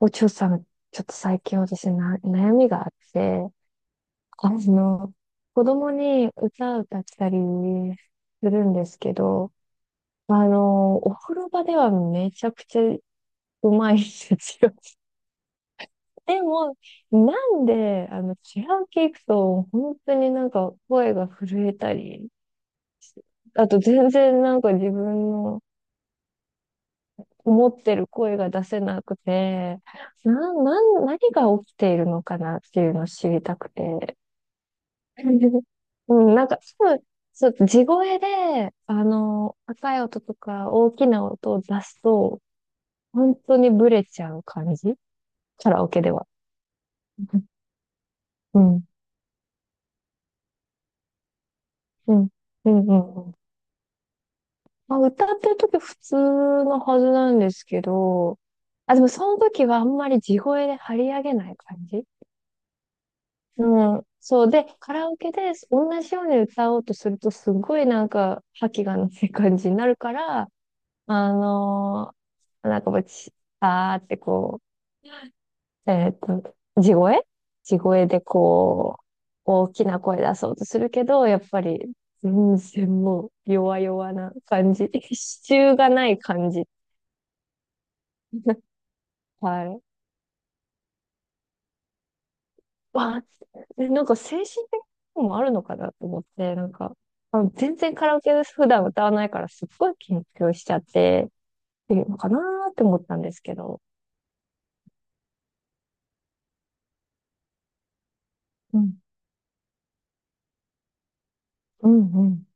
お嬢さん、ちょっと最近私な、悩みがあって、あの、子供に歌を歌ったりするんですけど、お風呂場ではめちゃくちゃうまいんですよ。でも、なんで、違う系行くと、本当になんか声が震えたり、あと全然なんか自分の思ってる声が出せなくて、な、なん、何が起きているのかなっていうのを知りたくて。うん、なんか、すぐ、そう、地声で、高い音とか大きな音を出すと、本当にブレちゃう感じカラオケでは。うん、うん、うん、うん。うん。まあ、歌ってる時普通のはずなんですけど、あ、でもその時はあんまり地声で張り上げない感じ。うん。そう。で、カラオケで同じように歌おうとすると、すごいなんか、覇気がない感じになるから、あのなんかもうち、あーってこう、えっと、地声地声でこう、大きな声出そうとするけど、やっぱり、全然もう、弱々な感じ。支柱がない感じ。はい。わあ、なんか精神的なともあるのかなと思って、なんか、全然カラオケで普段歌わないからすっごい緊張しちゃって、っていうのかなーって思ったんですけど。うん、うん、うん。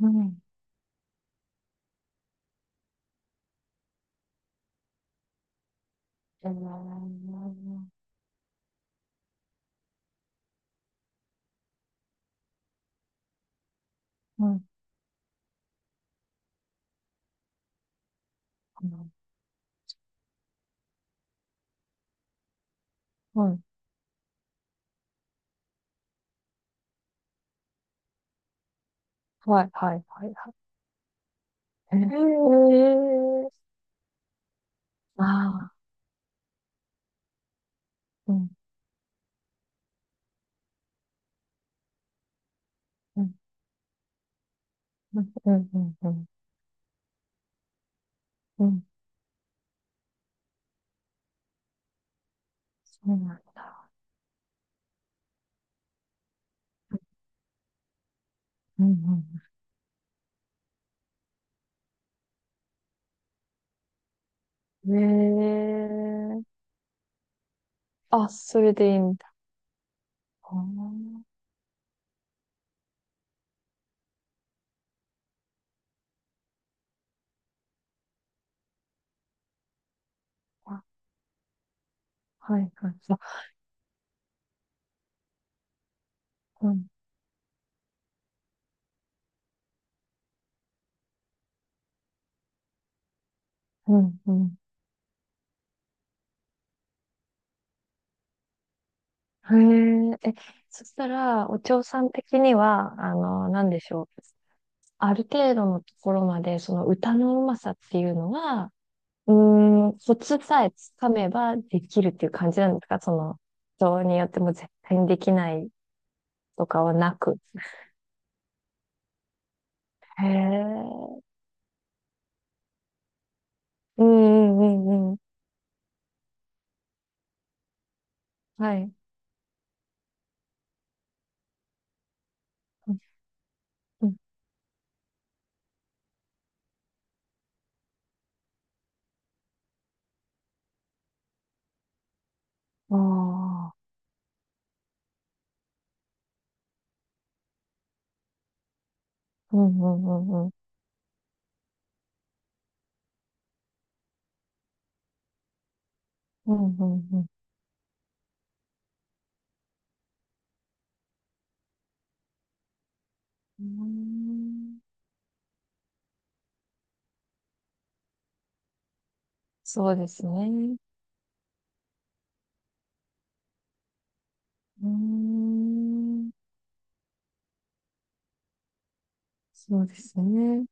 うん。えー、うん、うん、はい、はい、はい、はい。ええ。ああ、うん、うん、うん、うん、うん、うん、うん。そうなんだ。うん、うん。ええ。あ、それでいいんだ。あー。あ、はい、はい。あ、うん、うん、うん。へえ、そしたら、お嬢さん的には、なんでしょう。ある程度のところまで、その歌のうまさっていうのは、うーん、コツさえつかめばできるっていう感じなんですか？その、人によっても絶対にできないとかはなく。へえ。うんうんうんうん。はい。うんうん、ああ。うんうんうんうん。うんうんうん。うーん。そうですね。うーん。そうですね。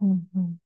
うんうん。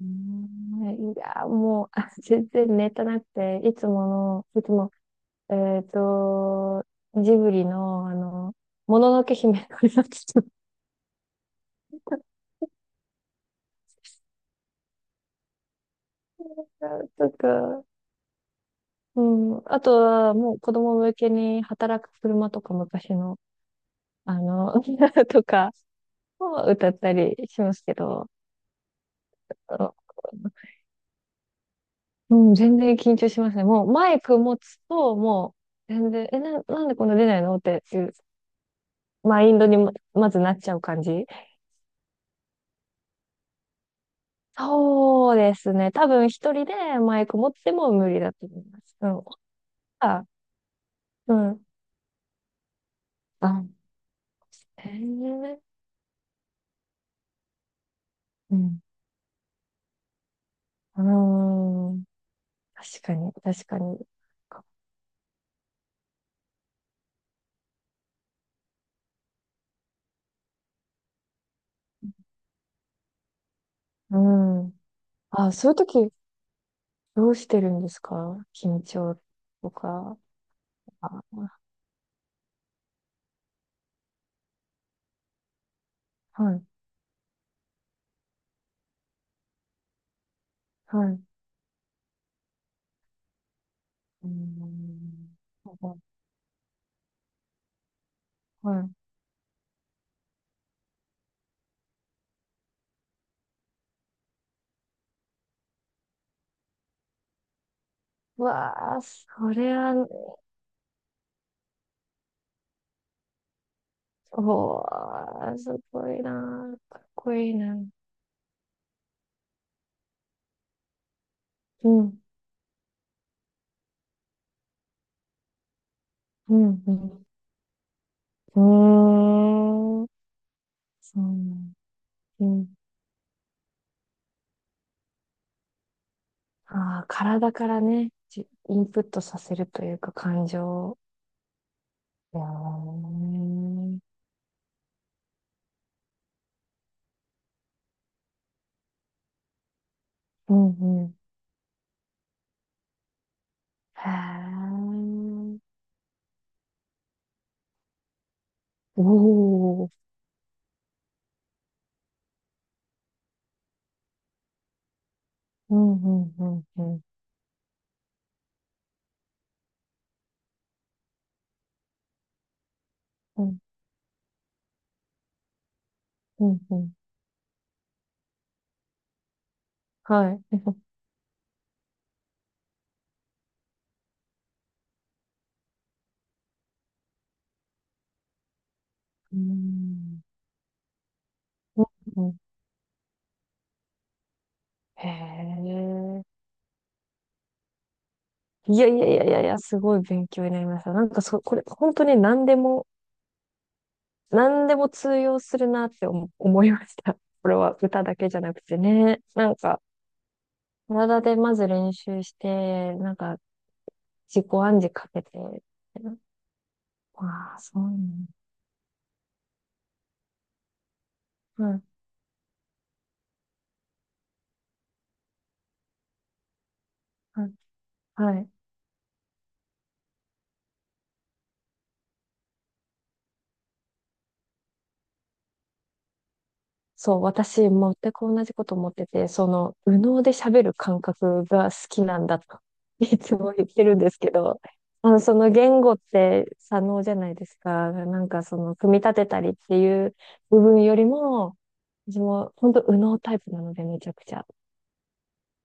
うーん。いや、もう、全然ネタなくて、いつもえっと、ジブリの、あの、もののけ姫のやつとか、とか、うん、あとは、もう子供向けに働く車とか昔の、あの、とかを歌ったりしますけど、あのうん、全然緊張しますね。もうマイク持つと、もう全然、なんでこんな出ないのっていうマインドにまずなっちゃう感じ。そうですね。多分一人でマイク持っても無理だと思います。うん。あ、へえ、うん。うーん。確かに、確かに。うん。あ、そういう時、どうしてるんですか？緊張とか。あ、はい、はい。うん。はい。うわあ、それは。おー、すごいなー。かっこいいな。うん、うん、うん。うーん。そうなん。ああ、体からね、インプットさせるというか感情。うーん、うんうん。へえ。おお。うんうんうんうん。うんうんうん。はい。うん。うんうん。へえ。いやいやいやいやいや、すごい勉強になりました。なんかこれ、本当に何でも、何でも通用するなって思いました。これは歌だけじゃなくてね。なんか、体でまず練習して、なんか自己暗示かけて、わあ、そうなの。うん、うん、はい。そう、私、全く同じこと思ってて、その、右脳で喋る感覚が好きなんだと、いつも言ってるんですけど、その言語って左脳じゃないですか。なんかその、組み立てたりっていう部分よりも、私も本当右脳タイプなので、めちゃくちゃ。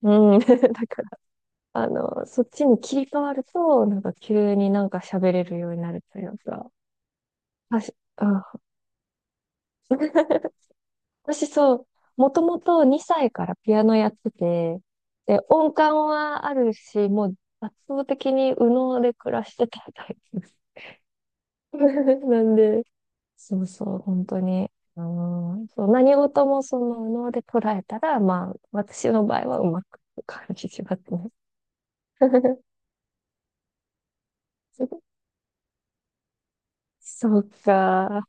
うん。だからそっちに切り替わると、なんか急になんか喋れるようになるというか、はし、あ、私そう、もともと2歳からピアノやってて、で、音感はあるし、もう圧倒的に右脳で暮らしてたタイプです。なんで、そうそう、本当に。うん、そう、何事もその右脳で捉えたら、まあ、私の場合はうまくいく感じしますね。そうか。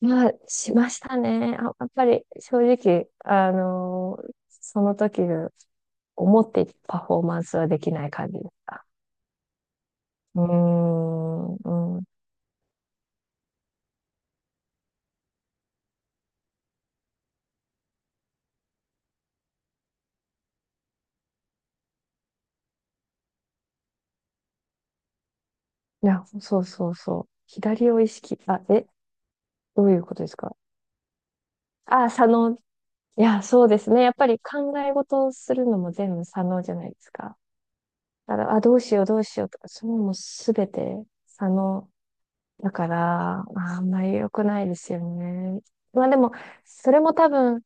まあ、しましたね。あ、やっぱり正直、その時の思っていたパフォーマンスはできない感じでした。うーん、うん。いや、そうそうそう。左を意識、あ、え、どういうことですか？あ、左脳。いや、そうですね。やっぱり考え事をするのも全部左脳じゃないですか。だから、あ、どうしよう、どうしようとか、そういうのもすべて左脳。だから、ああんまり良くないですよね。まあでも、それも多分、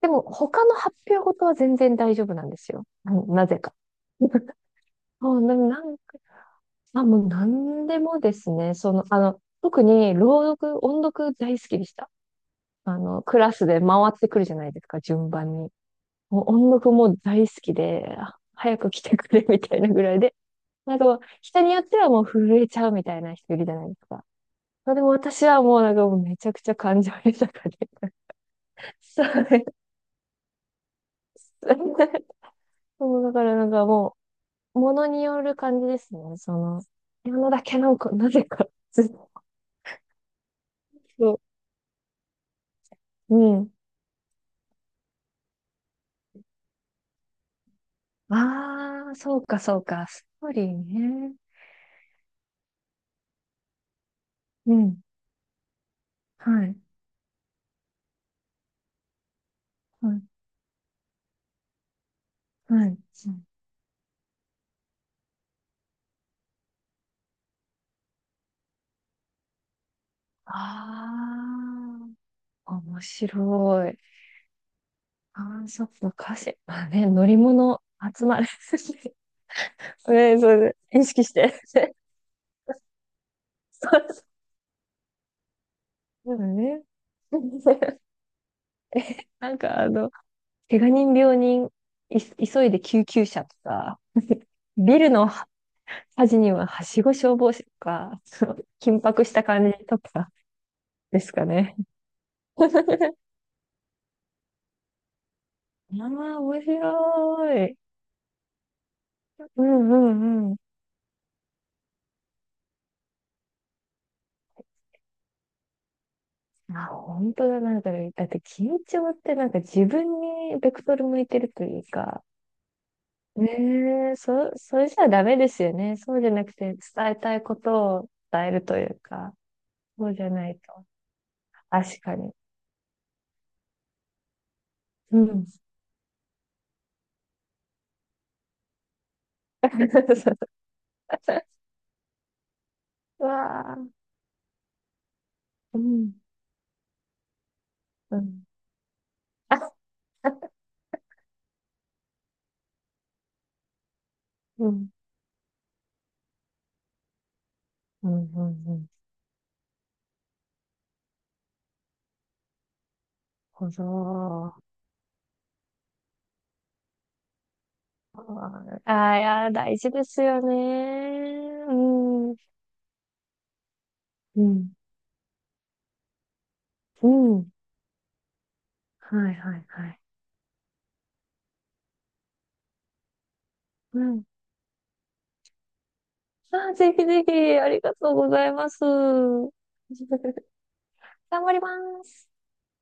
でも、他の発表事は全然大丈夫なんですよ。うん。なぜか。あでなんか、あ、もう何でもですね。その、特に朗読、音読大好きでした。クラスで回ってくるじゃないですか、順番に。もう音読も大好きで、早く来てくれみたいなぐらいで。なんかもう、人によってはもう震えちゃうみたいな人いるじゃないですか。まあでも私はもうなんかもうめちゃくちゃ感情豊かで。そうです。もうだからなんかもう、ものによる感じですね。その、ピアノだけなんか、なぜか、ずっと。うん。ああ、そうか、そうか。ストーリーね。うん。はい。はい。はい。ああー、面白い。ああ、そっか、歌詞。まあね、乗り物集まる。ね、それで、意識して。そうそうだね。なんか怪我人病人、急いで救急車とか、ビルの端には、はしご消防士とか、その緊迫した感じとかですかね。ああ、面白い。うんうんうん。あ、本当だ。なんか、だって緊張ってなんか自分にベクトル向いてるというか、ねえ、それじゃダメですよね。そうじゃなくて伝えたいことを伝えるというか、そうじゃないと。確かに。うん。うわあ、うん、うん。あ、うん、うん、うん、うん。ほど。ああ、いや、大事ですよね。うん。うん。うん。はい、はい、はい。うん。あー、ぜひぜひ、ありがとうございます。頑張ります。